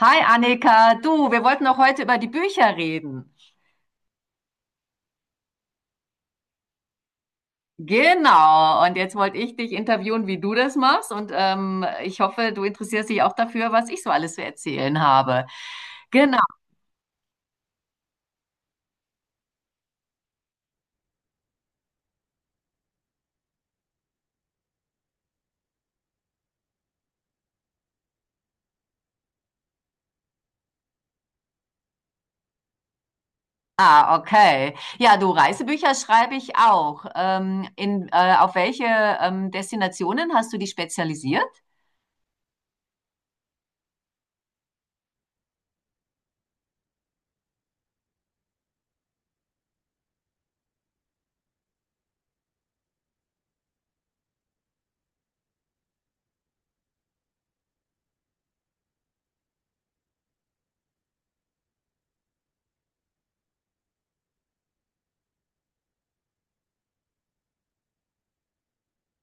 Hi Annika, du, wir wollten auch heute über die Bücher reden. Genau, und jetzt wollte ich dich interviewen, wie du das machst. Ich hoffe, du interessierst dich auch dafür, was ich so alles zu erzählen habe. Genau, ah, okay. Ja, du, Reisebücher schreibe ich auch. Auf welche Destinationen hast du dich spezialisiert?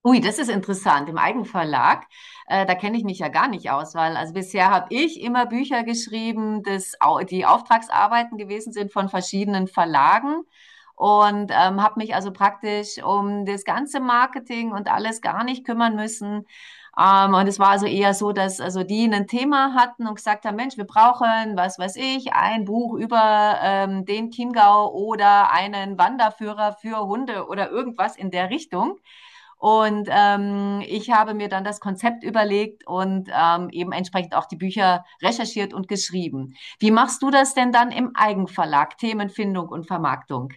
Ui, das ist interessant. Im Eigenverlag, da kenne ich mich ja gar nicht aus, weil also bisher habe ich immer Bücher geschrieben, die Auftragsarbeiten gewesen sind von verschiedenen Verlagen und habe mich also praktisch um das ganze Marketing und alles gar nicht kümmern müssen. Und es war also eher so, dass also die ein Thema hatten und gesagt haben, Mensch, wir brauchen, was weiß ich, ein Buch über den Chiemgau oder einen Wanderführer für Hunde oder irgendwas in der Richtung. Und ich habe mir dann das Konzept überlegt und eben entsprechend auch die Bücher recherchiert und geschrieben. Wie machst du das denn dann im Eigenverlag, Themenfindung und Vermarktung?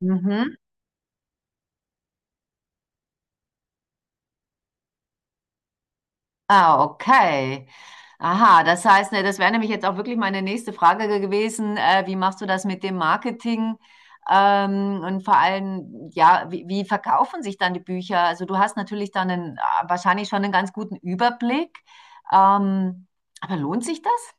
Mhm. Ah, okay. Aha, das heißt, ne, das wäre nämlich jetzt auch wirklich meine nächste Frage gewesen. Wie machst du das mit dem Marketing? Und vor allem, ja, wie verkaufen sich dann die Bücher? Also du hast natürlich dann einen, wahrscheinlich schon einen ganz guten Überblick. Ähm, aber lohnt sich das?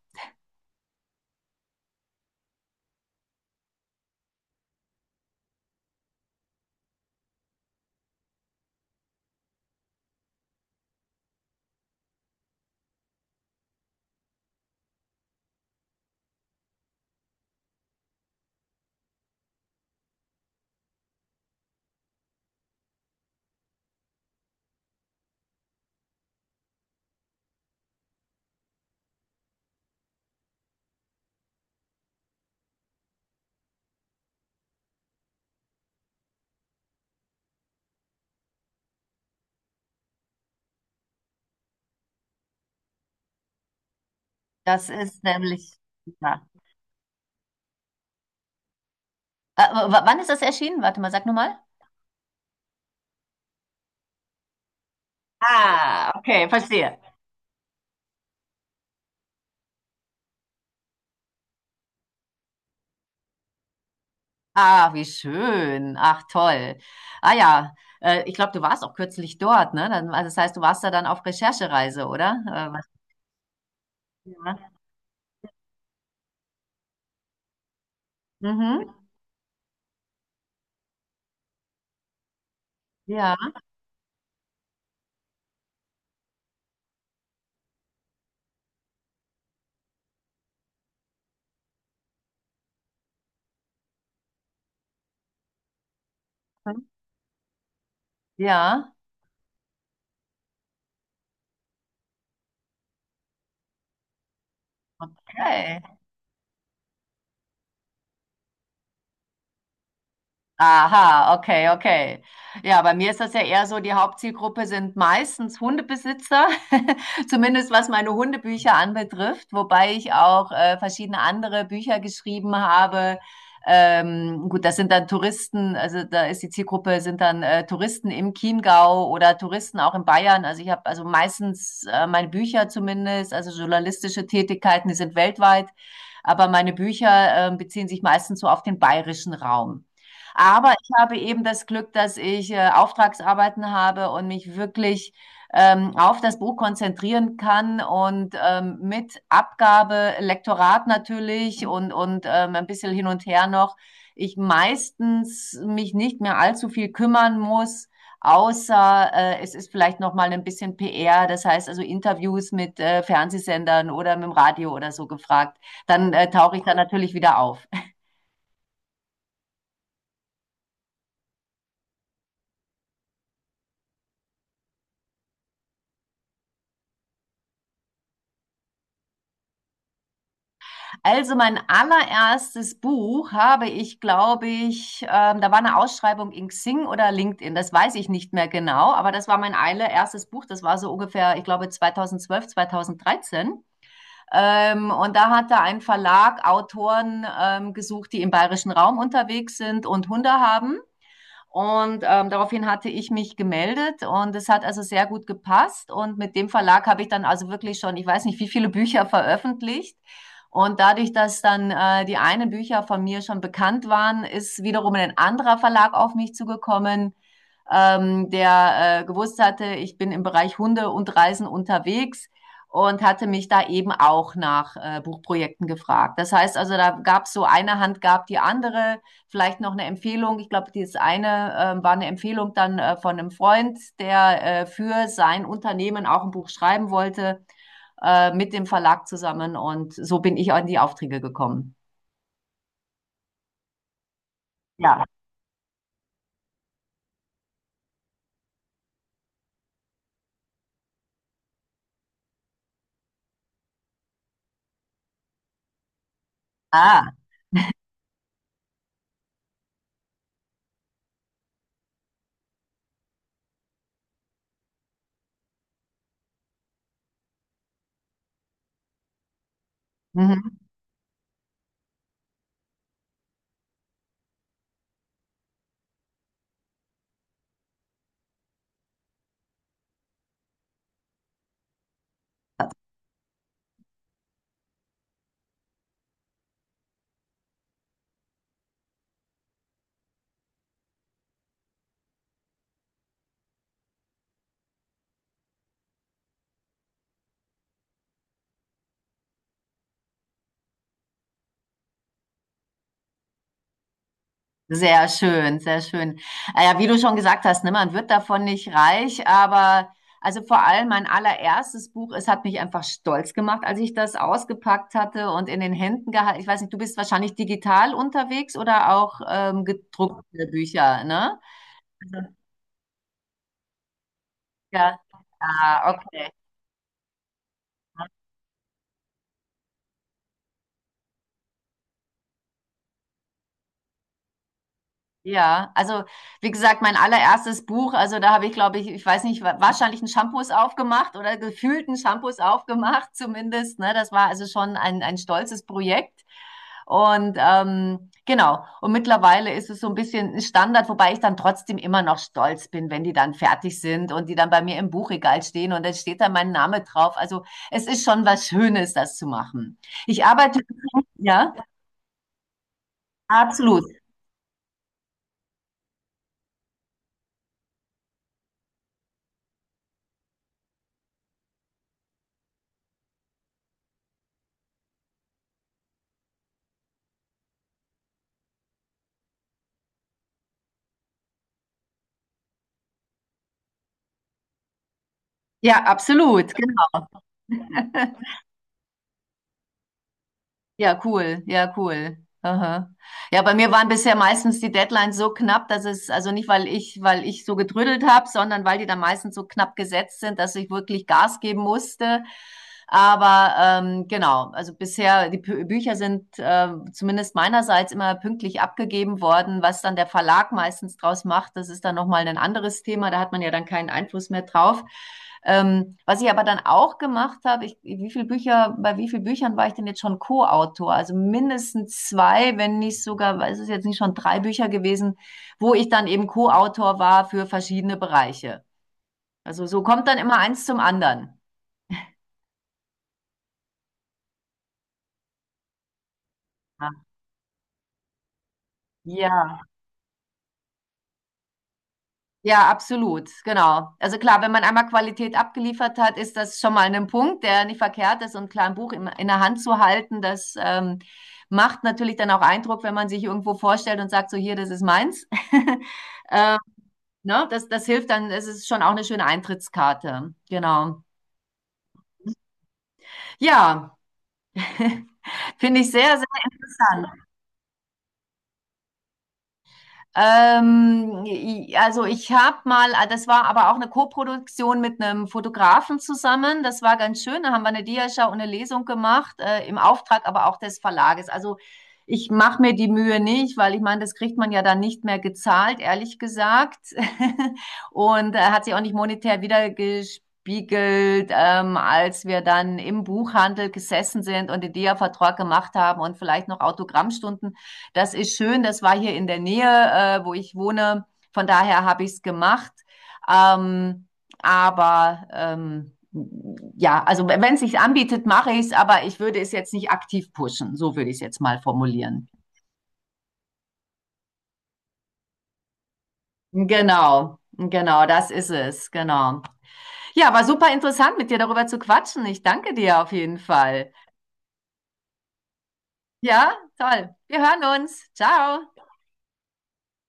Das ist nämlich, ja. Wann ist das erschienen? Warte mal, sag nur mal. Ah, okay, verstehe. Ah, wie schön. Ach, toll. Ah ja, ich glaube, du warst auch kürzlich dort, ne? Dann, also das heißt, du warst da dann auf Recherchereise, oder? Ja. Mhm. Ja. Ja. Okay. Aha, okay, okay. Ja, bei mir ist das ja eher so, die Hauptzielgruppe sind meistens Hundebesitzer, zumindest was meine Hundebücher anbetrifft, wobei ich auch verschiedene andere Bücher geschrieben habe. Gut, das sind dann Touristen, also da ist die Zielgruppe, sind dann Touristen im Chiemgau oder Touristen auch in Bayern. Also ich habe also meistens meine Bücher zumindest, also journalistische Tätigkeiten, die sind weltweit, aber meine Bücher beziehen sich meistens so auf den bayerischen Raum. Aber ich habe eben das Glück, dass ich Auftragsarbeiten habe und mich wirklich auf das Buch konzentrieren kann und mit Abgabe, Lektorat natürlich und ein bisschen hin und her noch, ich meistens mich nicht mehr allzu viel kümmern muss, außer es ist vielleicht noch mal ein bisschen PR, das heißt also Interviews mit Fernsehsendern oder mit dem Radio oder so gefragt, dann tauche ich da natürlich wieder auf. Also mein allererstes Buch habe ich, glaube ich, da war eine Ausschreibung in Xing oder LinkedIn, das weiß ich nicht mehr genau, aber das war mein allererstes Buch, das war so ungefähr, ich glaube, 2012, 2013. Und da hat da ein Verlag Autoren gesucht, die im bayerischen Raum unterwegs sind und Hunde haben. Und daraufhin hatte ich mich gemeldet und es hat also sehr gut gepasst. Und mit dem Verlag habe ich dann also wirklich schon, ich weiß nicht, wie viele Bücher veröffentlicht. Und dadurch, dass dann die einen Bücher von mir schon bekannt waren, ist wiederum ein anderer Verlag auf mich zugekommen, der gewusst hatte, ich bin im Bereich Hunde und Reisen unterwegs und hatte mich da eben auch nach Buchprojekten gefragt. Das heißt also, da gab es so eine Hand, gab die andere, vielleicht noch eine Empfehlung. Ich glaube, dieses eine war eine Empfehlung dann von einem Freund, der für sein Unternehmen auch ein Buch schreiben wollte, mit dem Verlag zusammen. Und so bin ich an die Aufträge gekommen. Ja. Ah. Mhm. Sehr schön, sehr schön. Ah ja, wie du schon gesagt hast, ne, man wird davon nicht reich, aber also vor allem mein allererstes Buch, es hat mich einfach stolz gemacht, als ich das ausgepackt hatte und in den Händen gehalten. Ich weiß nicht, du bist wahrscheinlich digital unterwegs oder auch gedruckte Bücher, ne? Ja. Ah, okay. Ja, also wie gesagt, mein allererstes Buch, also da habe ich, glaube ich, ich weiß nicht, wahrscheinlich einen Shampoos aufgemacht oder gefühlten Shampoos aufgemacht zumindest. Ne? Das war also schon ein stolzes Projekt. Und genau, und mittlerweile ist es so ein bisschen ein Standard, wobei ich dann trotzdem immer noch stolz bin, wenn die dann fertig sind und die dann bei mir im Buchregal stehen und dann steht da mein Name drauf. Also es ist schon was Schönes, das zu machen. Ich arbeite, ja, absolut. Ja, absolut, genau. Ja, cool, ja, cool. Aha. Ja, bei mir waren bisher meistens die Deadlines so knapp, dass es, also nicht, weil ich so gedrüdelt habe, sondern weil die dann meistens so knapp gesetzt sind, dass ich wirklich Gas geben musste. Aber genau, also bisher, die Bücher sind zumindest meinerseits immer pünktlich abgegeben worden. Was dann der Verlag meistens draus macht, das ist dann nochmal ein anderes Thema. Da hat man ja dann keinen Einfluss mehr drauf. Was ich aber dann auch gemacht habe, ich, wie viel Bücher, bei wie vielen Büchern war ich denn jetzt schon Co-Autor? Also mindestens zwei, wenn nicht sogar, weiß es jetzt nicht schon drei Bücher gewesen, wo ich dann eben Co-Autor war für verschiedene Bereiche. Also so kommt dann immer eins zum anderen. Ah, ja. Ja, absolut, genau. Also klar, wenn man einmal Qualität abgeliefert hat, ist das schon mal ein Punkt, der nicht verkehrt ist. Und klar, ein Buch in der Hand zu halten, das macht natürlich dann auch Eindruck, wenn man sich irgendwo vorstellt und sagt, so hier, das ist meins. ähm, ne? Das hilft dann, es ist schon auch eine schöne Eintrittskarte. Genau. Ja, finde ich sehr, sehr interessant. Also ich habe mal, ah, das war aber auch eine Koproduktion mit einem Fotografen zusammen. Das war ganz schön. Da haben wir eine Diashow und eine Lesung gemacht, im Auftrag aber auch des Verlages. Also ich mache mir die Mühe nicht, weil ich meine, das kriegt man ja dann nicht mehr gezahlt, ehrlich gesagt. Und hat sich auch nicht monetär wiedergespiegelt, als wir dann im Buchhandel gesessen sind und den Dia-Vertrag gemacht haben und vielleicht noch Autogrammstunden, das ist schön, das war hier in der Nähe, wo ich wohne. Von daher habe ich es gemacht. Ähm, aber ja, also wenn es sich anbietet, mache ich es, aber ich würde es jetzt nicht aktiv pushen. So würde ich es jetzt mal formulieren. Genau, genau, das ist es, genau. Ja, war super interessant, mit dir darüber zu quatschen. Ich danke dir auf jeden Fall. Ja, toll. Wir hören uns. Ciao.